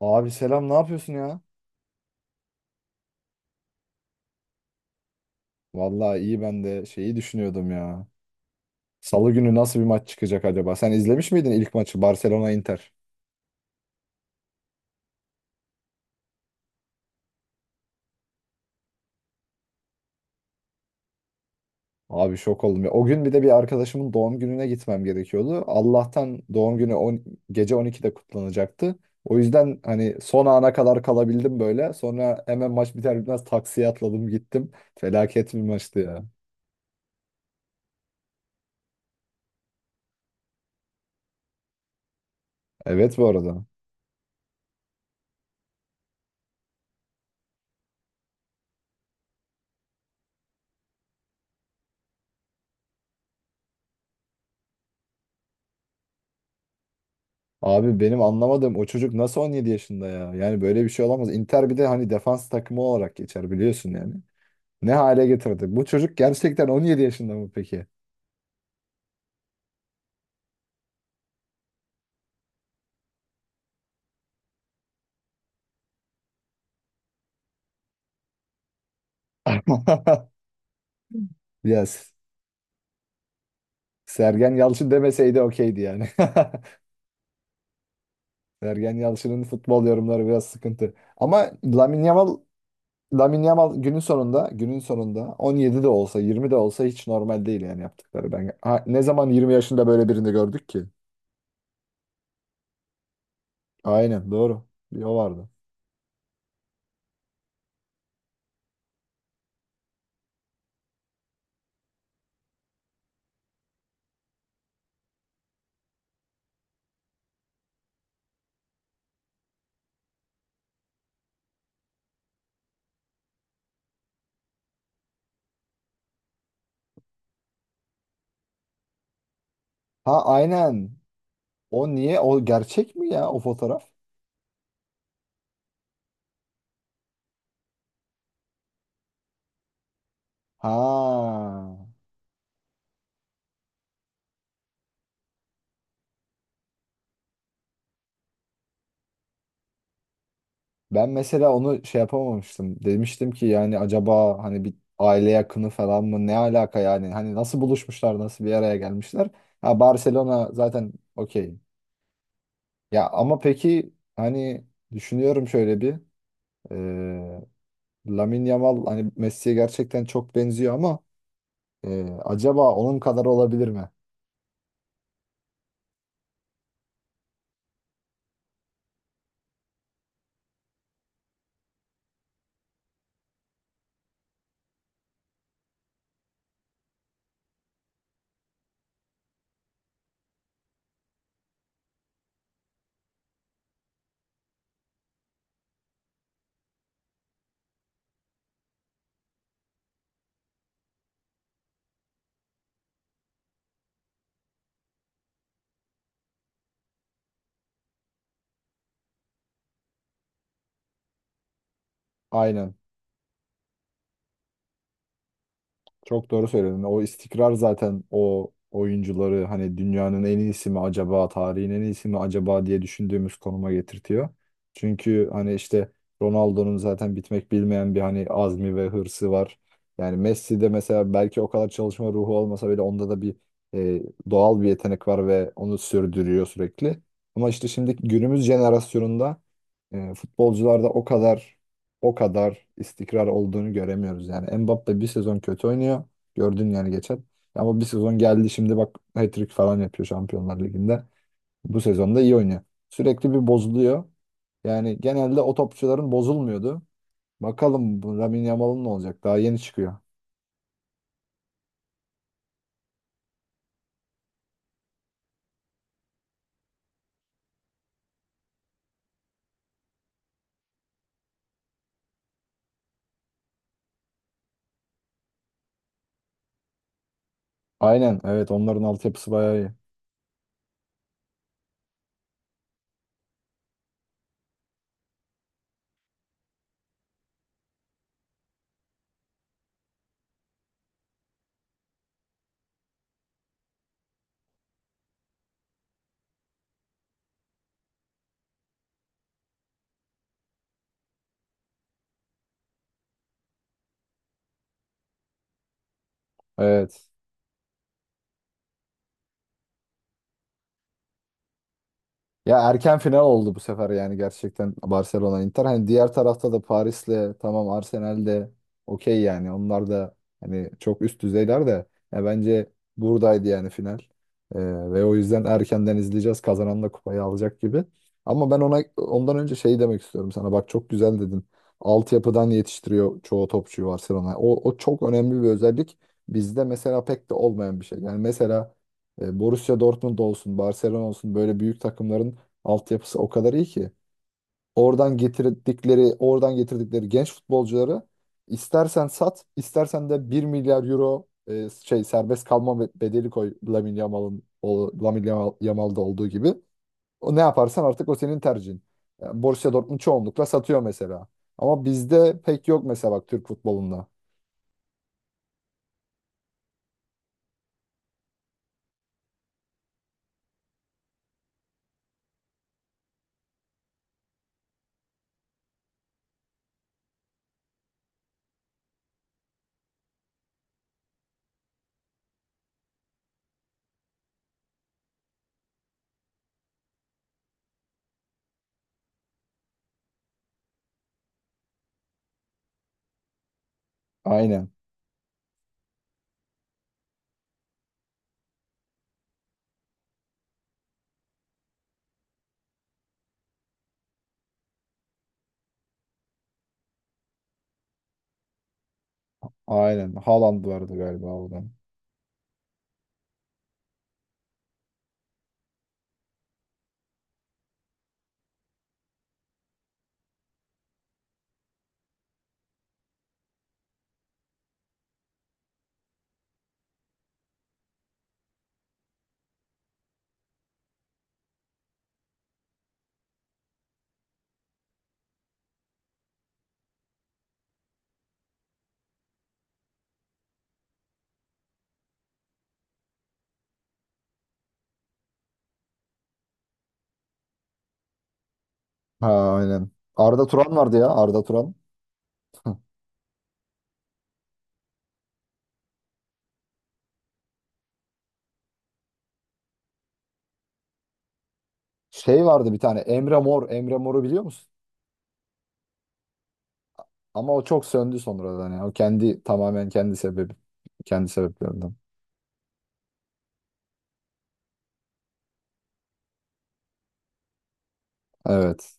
Abi selam ne yapıyorsun ya? Vallahi iyi ben de şeyi düşünüyordum ya. Salı günü nasıl bir maç çıkacak acaba? Sen izlemiş miydin ilk maçı, Barcelona Inter? Abi şok oldum ya. O gün bir de bir arkadaşımın doğum gününe gitmem gerekiyordu. Allah'tan doğum günü on, gece 12'de kutlanacaktı. O yüzden hani son ana kadar kalabildim böyle. Sonra hemen maç biter bitmez taksiye atladım, gittim. Felaket bir maçtı ya. Evet, bu arada. Abi benim anlamadığım, o çocuk nasıl 17 yaşında ya? Yani böyle bir şey olamaz. Inter bir de hani defans takımı olarak geçer, biliyorsun yani. Ne hale getirdi? Bu çocuk gerçekten 17 yaşında mı peki? Yes. Sergen Yalçın demeseydi okeydi yani. Sergen Yalçın'ın futbol yorumları biraz sıkıntı. Ama Lamine Yamal, Lamine Yamal günün sonunda, günün sonunda 17 de olsa, 20 de olsa hiç normal değil yani yaptıkları. Ben, ne zaman 20 yaşında böyle birini gördük ki? Aynen doğru. Bir o vardı. Ha, aynen. O niye? O gerçek mi ya o fotoğraf? Ha. Ben mesela onu şey yapamamıştım. Demiştim ki yani, acaba hani bir aile yakını falan mı? Ne alaka yani? Hani nasıl buluşmuşlar? Nasıl bir araya gelmişler? Ha, Barcelona zaten, okey. Ya ama peki hani düşünüyorum şöyle bir. E, Lamine Yamal hani Messi'ye gerçekten çok benziyor ama acaba onun kadar olabilir mi? Aynen. Çok doğru söyledin. O istikrar zaten o oyuncuları hani dünyanın en iyisi mi acaba, tarihin en iyisi mi acaba diye düşündüğümüz konuma getirtiyor. Çünkü hani işte, Ronaldo'nun zaten bitmek bilmeyen bir hani azmi ve hırsı var. Yani Messi'de mesela belki o kadar çalışma ruhu olmasa bile, onda da bir e, doğal bir yetenek var ve onu sürdürüyor sürekli. Ama işte şimdi günümüz jenerasyonunda futbolcularda o kadar istikrar olduğunu göremiyoruz yani. Mbappe bir sezon kötü oynuyor. Gördün yani geçen. Ama bir sezon geldi, şimdi bak hat-trick falan yapıyor Şampiyonlar Ligi'nde. Bu sezonda iyi oynuyor. Sürekli bir bozuluyor. Yani genelde o topçuların bozulmuyordu. Bakalım bu Lamine Yamal'ın ne olacak? Daha yeni çıkıyor. Aynen, evet, onların altyapısı bayağı iyi. Evet. Ya erken final oldu bu sefer, yani gerçekten Barcelona Inter. Hani diğer tarafta da Paris'le tamam, Arsenal'de okey yani. Onlar da hani çok üst düzeyler de, ya bence buradaydı yani final. Ee, ve o yüzden erkenden izleyeceğiz. Kazanan da kupayı alacak gibi. Ama ben ona, ondan önce şey demek istiyorum sana. Bak çok güzel dedin. Altyapıdan yetiştiriyor çoğu topçuyu Barcelona. O çok önemli bir özellik. Bizde mesela pek de olmayan bir şey. Yani mesela Borussia Dortmund olsun, Barcelona olsun, böyle büyük takımların altyapısı o kadar iyi ki. Oradan getirdikleri genç futbolcuları istersen sat, istersen de 1 milyar euro serbest kalma bedeli koy, Lamine Yamal'ın Yamal'da olduğu gibi. O ne yaparsan artık, o senin tercihin. Yani Borussia Dortmund çoğunlukla satıyor mesela. Ama bizde pek yok mesela, bak Türk futbolunda. Aynen. Aynen. Haaland vardı galiba oradan. Ha, aynen. Arda Turan vardı ya. Arda Turan. Şey vardı bir tane, Emre Mor. Emre Mor'u biliyor musun? Ama o çok söndü sonradan yani. O kendi tamamen kendi sebebi, kendi sebeplerinden. Evet.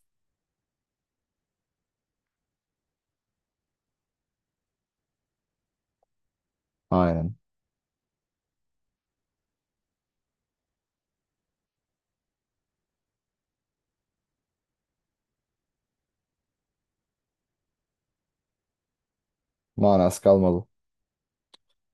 Aynen. Manası kalmadı.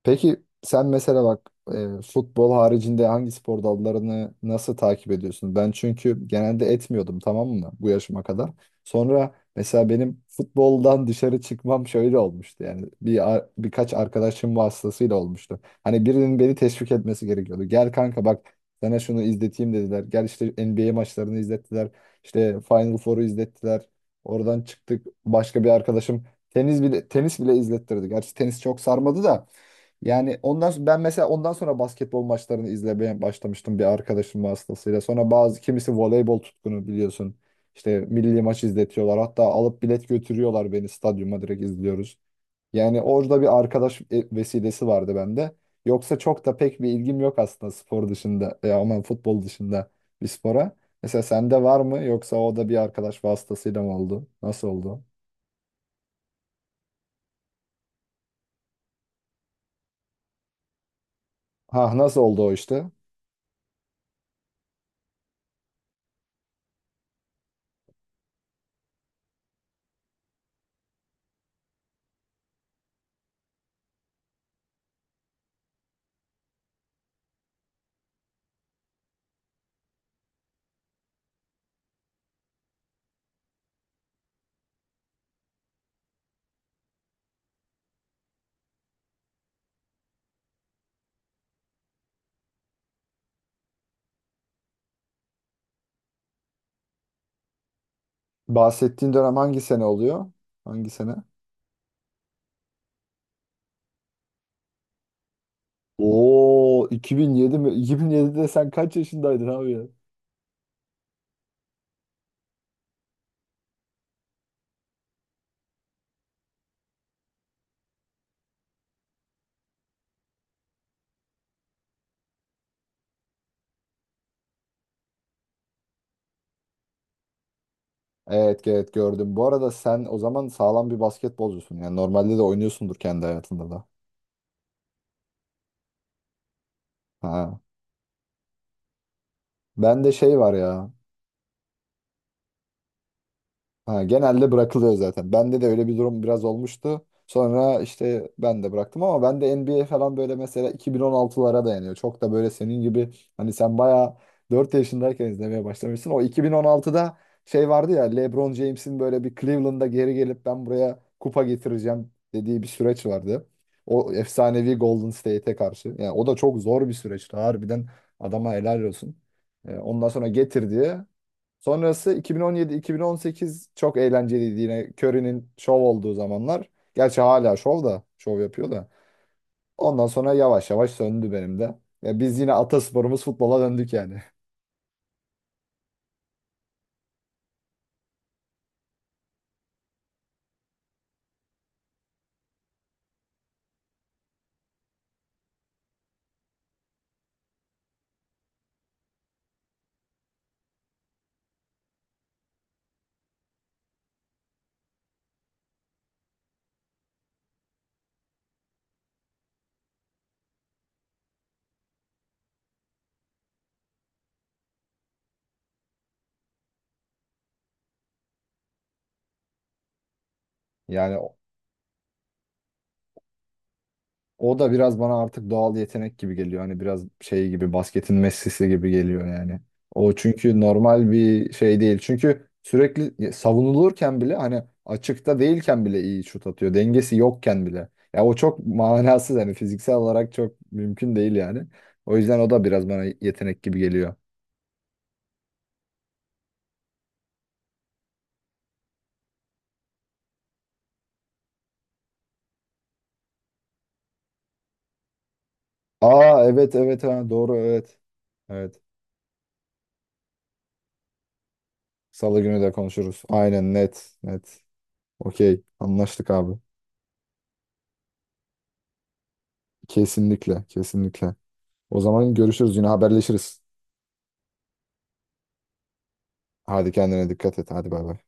Peki sen mesela bak, futbol haricinde hangi spor dallarını nasıl takip ediyorsun? Ben çünkü genelde etmiyordum, tamam mı, bu yaşıma kadar. Sonra mesela benim futboldan dışarı çıkmam şöyle olmuştu yani, birkaç arkadaşım vasıtasıyla olmuştu. Hani birinin beni teşvik etmesi gerekiyordu. Gel kanka, bak sana şunu izleteyim dediler. Gel işte NBA maçlarını izlettiler. İşte Final Four'u izlettiler. Oradan çıktık, başka bir arkadaşım tenis bile izlettirdi. Gerçi tenis çok sarmadı da, yani ben mesela ondan sonra basketbol maçlarını izlemeye başlamıştım, bir arkadaşım vasıtasıyla. Sonra bazı kimisi voleybol tutkunu, biliyorsun. İşte milli maç izletiyorlar. Hatta alıp bilet götürüyorlar beni, stadyuma direkt izliyoruz. Yani orada bir arkadaş vesilesi vardı bende. Yoksa çok da pek bir ilgim yok aslında spor dışında, ya aman, futbol dışında bir spora. Mesela sende var mı, yoksa o da bir arkadaş vasıtasıyla mı oldu? Nasıl oldu? Ha, nasıl oldu o işte? Bahsettiğin dönem hangi sene oluyor? Hangi sene? Oo, 2007 mi? 2007'de sen kaç yaşındaydın abi ya? Evet, evet, gördüm. Bu arada sen o zaman sağlam bir basketbolcusun. Yani normalde de oynuyorsundur, kendi hayatında da. Ha. Ben de şey var ya. Ha, genelde bırakılıyor zaten. Bende de öyle bir durum biraz olmuştu. Sonra işte ben de bıraktım, ama ben de NBA falan böyle mesela 2016'lara dayanıyor. Çok da böyle senin gibi, hani sen bayağı 4 yaşındayken izlemeye başlamışsın. O 2016'da şey vardı ya, LeBron James'in böyle bir Cleveland'da geri gelip ben buraya kupa getireceğim dediği bir süreç vardı. O efsanevi Golden State'e karşı. Yani o da çok zor bir süreçti. Harbiden adama helal olsun. Ondan sonra getirdi. Sonrası 2017-2018 çok eğlenceliydi, yine Curry'nin şov olduğu zamanlar. Gerçi hala şov da şov yapıyor da. Ondan sonra yavaş yavaş söndü benim de. Ya biz yine atasporumuz futbola döndük yani. Yani o da biraz bana artık doğal yetenek gibi geliyor. Hani biraz şey gibi, basketin Messi'si gibi geliyor yani. O çünkü normal bir şey değil. Çünkü sürekli savunulurken bile, hani açıkta değilken bile iyi şut atıyor. Dengesi yokken bile. Ya o çok manasız, hani fiziksel olarak çok mümkün değil yani. O yüzden o da biraz bana yetenek gibi geliyor. Aa, evet, evet, doğru, evet. Evet. Salı günü de konuşuruz. Aynen, net net. Okey, anlaştık abi. Kesinlikle, kesinlikle. O zaman görüşürüz, yine haberleşiriz. Hadi kendine dikkat et. Hadi bay bay.